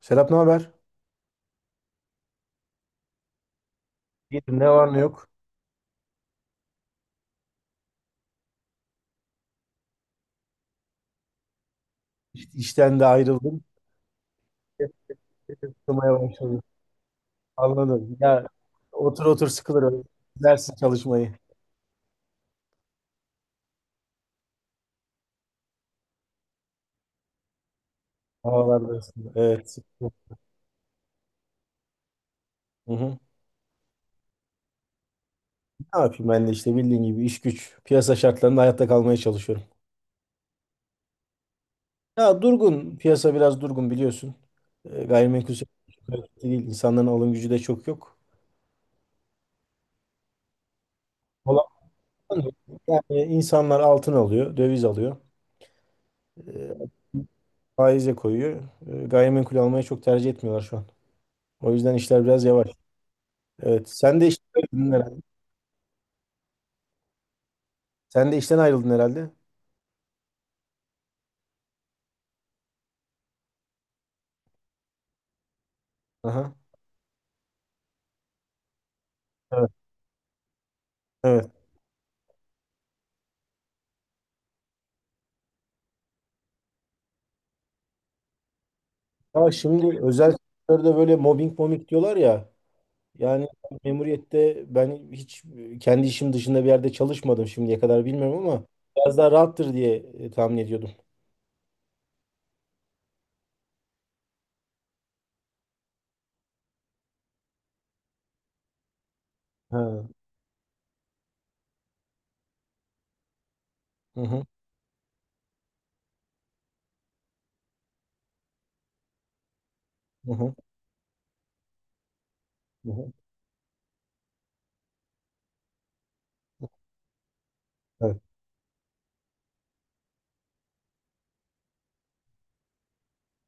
Serap, ne haber? İyidir, ne var ne yok. İşten de ayrıldım. Sıkılmaya başladım. Anladım. Ya, otur otur sıkılır öyle. Dersin çalışmayı. Havalarda ısındı. Evet, sıkıldım. Hı hı. Ne yapayım, ben de işte bildiğin gibi iş güç. Piyasa şartlarında hayatta kalmaya çalışıyorum. Ya, durgun. Piyasa biraz durgun, biliyorsun. Gayrimenkul sektörü çok hareketli değil. İnsanların alım gücü de çok yok. Olandan Yani insanlar altın alıyor, döviz alıyor. E, Faize koyuyor. Gayrimenkul almayı çok tercih etmiyorlar şu an. O yüzden işler biraz yavaş. Evet. Sen de işten ayrıldın herhalde. Sen de işten ayrıldın herhalde. Aha. Evet. Evet. Ya, şimdi özel sektörde böyle mobbing mobbing diyorlar ya. Yani memuriyette ben hiç kendi işim dışında bir yerde çalışmadım şimdiye kadar, bilmiyorum, ama biraz daha rahattır diye tahmin ediyordum. Ha. Hı hı. Hı hı. Hı hı. Evet.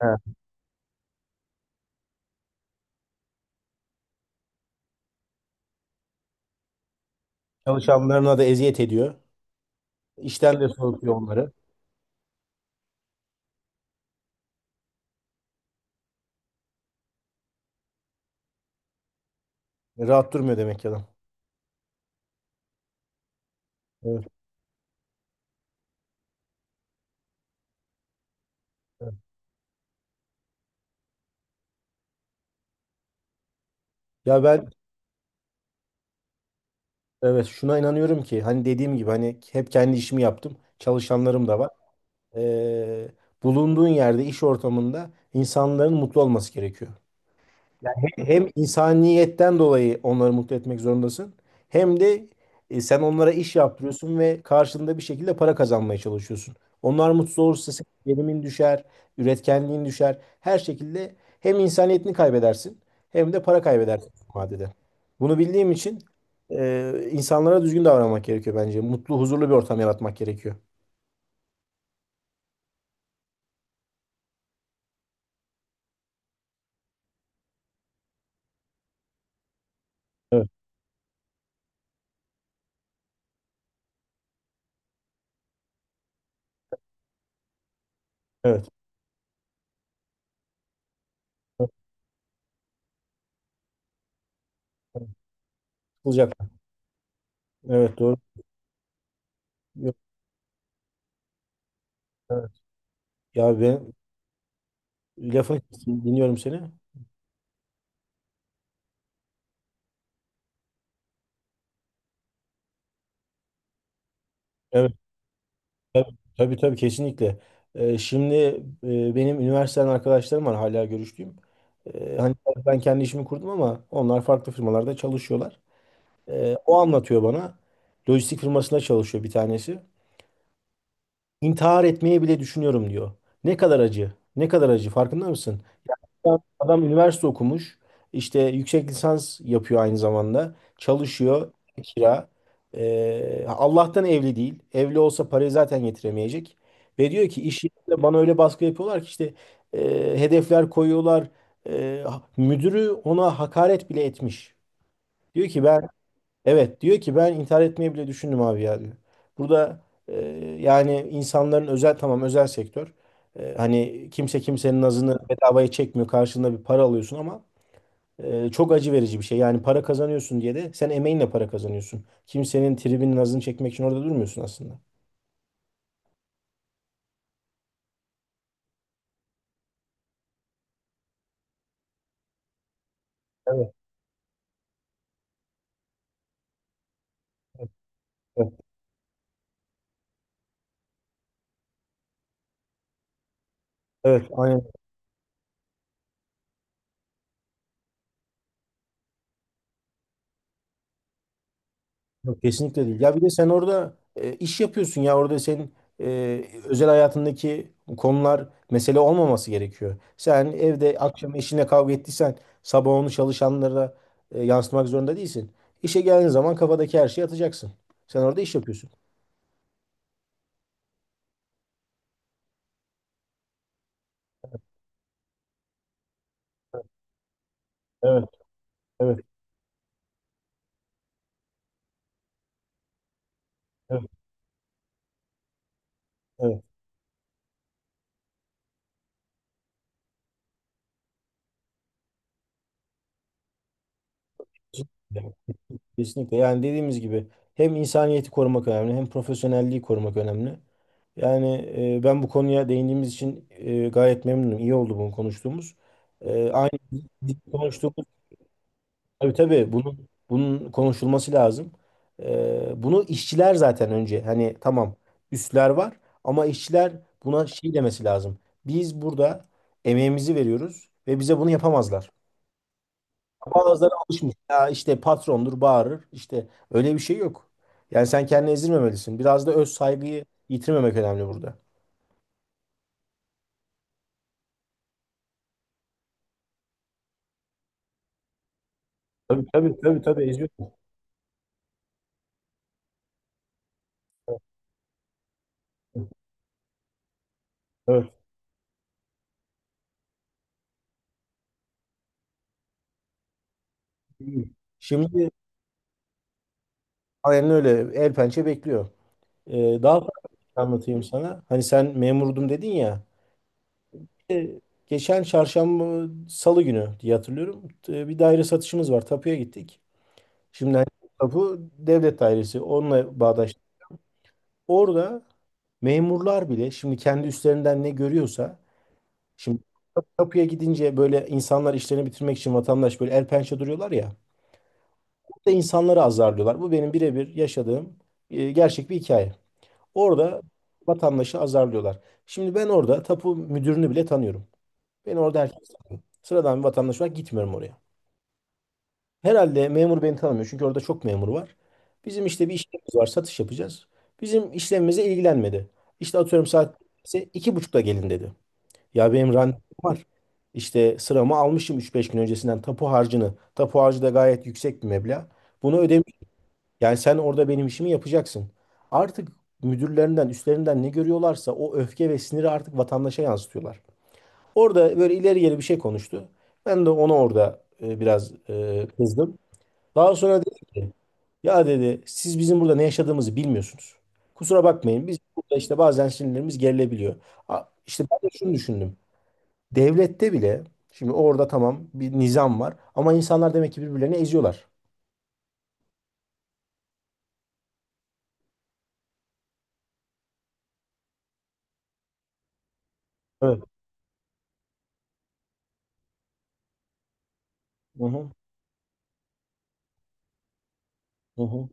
Ha. Çalışanlarına da eziyet ediyor. İşten de soğutuyor onları. Rahat durmuyor demek ki adam. Evet. Evet. Ya ben Evet, şuna inanıyorum ki, hani dediğim gibi, hani hep kendi işimi yaptım. Çalışanlarım da var. Ee, Bulunduğun yerde, iş ortamında insanların mutlu olması gerekiyor. Hem insaniyetten dolayı onları mutlu etmek zorundasın. Hem de sen onlara iş yaptırıyorsun ve karşılığında bir şekilde para kazanmaya çalışıyorsun. Onlar mutsuz olursa senin gelimin düşer, üretkenliğin düşer. Her şekilde hem insaniyetini kaybedersin, hem de para kaybedersin vadede. Bunu bildiğim için insanlara düzgün davranmak gerekiyor bence. Mutlu, huzurlu bir ortam yaratmak gerekiyor. Evet, evet. Olacak. Evet, doğru. Yok, evet. Ya, ben lafını kestim, dinliyorum seni. Evet. Tabii tabii, tabii, kesinlikle. Şimdi benim üniversiteden arkadaşlarım var hala görüştüğüm. Hani ben kendi işimi kurdum ama onlar farklı firmalarda çalışıyorlar. O anlatıyor bana. Lojistik firmasında çalışıyor bir tanesi. İntihar etmeyi bile düşünüyorum diyor. Ne kadar acı, ne kadar acı, farkında mısın? Adam üniversite okumuş. İşte yüksek lisans yapıyor aynı zamanda. Çalışıyor. Kira. Allah'tan evli değil. Evli olsa parayı zaten getiremeyecek. Ve diyor ki iş yerinde bana öyle baskı yapıyorlar ki, işte hedefler koyuyorlar. E, Müdürü ona hakaret bile etmiş. Diyor ki ben Evet, diyor ki ben intihar etmeyi bile düşündüm abi ya, diyor. Burada e, yani insanların özel, tamam, özel sektör. Hani kimse kimsenin nazını bedavaya çekmiyor. Karşılığında bir para alıyorsun, ama çok acı verici bir şey. Yani para kazanıyorsun diye de, sen emeğinle para kazanıyorsun. Kimsenin tribinin nazını çekmek için orada durmuyorsun aslında. Evet, evet. Evet, aynen. Yok, kesinlikle değil. Ya, bir de sen orada iş yapıyorsun ya, orada senin özel hayatındaki konular mesele olmaması gerekiyor. Sen evde akşam eşinle kavga ettiysen, sabah onu çalışanlara yansıtmak zorunda değilsin. İşe geldiğin zaman kafadaki her şeyi atacaksın. Sen orada iş yapıyorsun. Evet, evet, evet, evet. Kesinlikle. Yani dediğimiz gibi hem insaniyeti korumak önemli, hem profesyonelliği korumak önemli. Yani ben bu konuya değindiğimiz için gayet memnunum. İyi oldu bunu konuştuğumuz. Aynı konuştuğumuz, tabii tabii, bunun konuşulması lazım. Bunu işçiler zaten, önce hani tamam, üstler var, ama işçiler buna şey demesi lazım. Biz burada emeğimizi veriyoruz ve bize bunu yapamazlar. Bazıları alışmış. Ya, işte patrondur bağırır. İşte öyle bir şey yok. Yani sen kendini ezdirmemelisin. Biraz da öz saygıyı yitirmemek önemli burada. Tabii tabii tabii tabii, eziyorsun. Evet. Şimdi aynen öyle, el pençe bekliyor. Daha farklı bir şey anlatayım sana. Hani sen memurdum dedin ya. Ee, Geçen çarşamba, salı günü diye hatırlıyorum. Bir daire satışımız var. Tapuya gittik. Şimdi hani tapu devlet dairesi. Onunla bağdaştık. Orada memurlar bile şimdi kendi üstlerinden ne görüyorsa, şimdi kapıya gidince böyle insanlar işlerini bitirmek için vatandaş böyle el pençe duruyorlar ya. Orada insanları azarlıyorlar. Bu benim birebir yaşadığım gerçek bir hikaye. Orada vatandaşı azarlıyorlar. Şimdi ben orada tapu müdürünü bile tanıyorum. Ben orada herkes tanıyor. Sıradan bir vatandaş olarak gitmiyorum oraya. Herhalde memur beni tanımıyor çünkü orada çok memur var. Bizim işte bir işlemimiz var, satış yapacağız. Bizim işlemimize ilgilenmedi. İşte atıyorum, saat ise iki buçukta gelin dedi. Ya, benim randevum var. İşte sıramı almışım üç beş gün öncesinden, tapu harcını. Tapu harcı da gayet yüksek bir meblağ. Bunu ödemiş. Yani sen orada benim işimi yapacaksın. Artık müdürlerinden, üstlerinden ne görüyorlarsa o öfke ve siniri artık vatandaşa yansıtıyorlar. Orada böyle ileri geri bir şey konuştu. Ben de ona orada biraz kızdım. Daha sonra dedi ki, ya dedi, siz bizim burada ne yaşadığımızı bilmiyorsunuz. Kusura bakmayın, biz burada işte bazen sinirlerimiz gerilebiliyor. İşte ben de şunu düşündüm. Devlette bile, şimdi orada tamam bir nizam var, ama insanlar demek ki birbirlerini eziyorlar. Evet. Hı hı. Hı hı.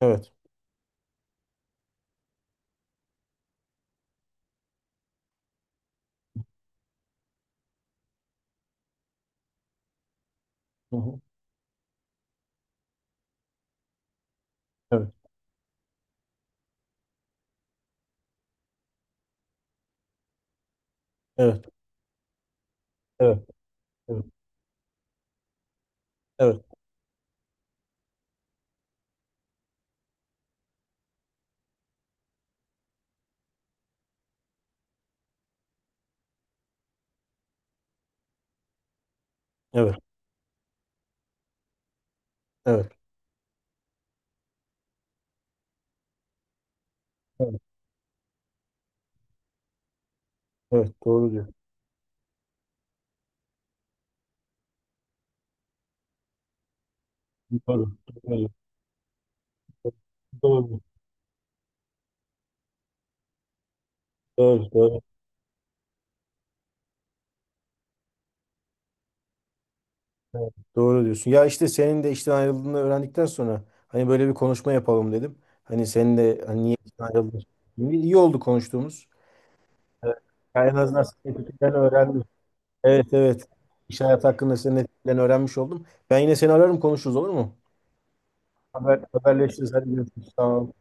Evet. Hı hı. Evet. Evet. Evet. Evet. Evet. Evet. Evet. Evet. Evet. Doğru diyor. Doğru. Doğru. Doğru. Doğru. Doğru. Evet, doğru diyorsun. Ya, işte senin de işten ayrıldığını öğrendikten sonra hani böyle bir konuşma yapalım dedim. Hani senin de, hani niye işten ayrıldın? İyi, iyi oldu konuştuğumuz. Evet. Yani en azından senin öğrendim. Evet, evet. İş hayatı hakkında senin etkiden öğrenmiş oldum. Ben yine seni ararım, konuşuruz, olur mu? Haberleşiriz. Hadi görüşürüz. Tamam.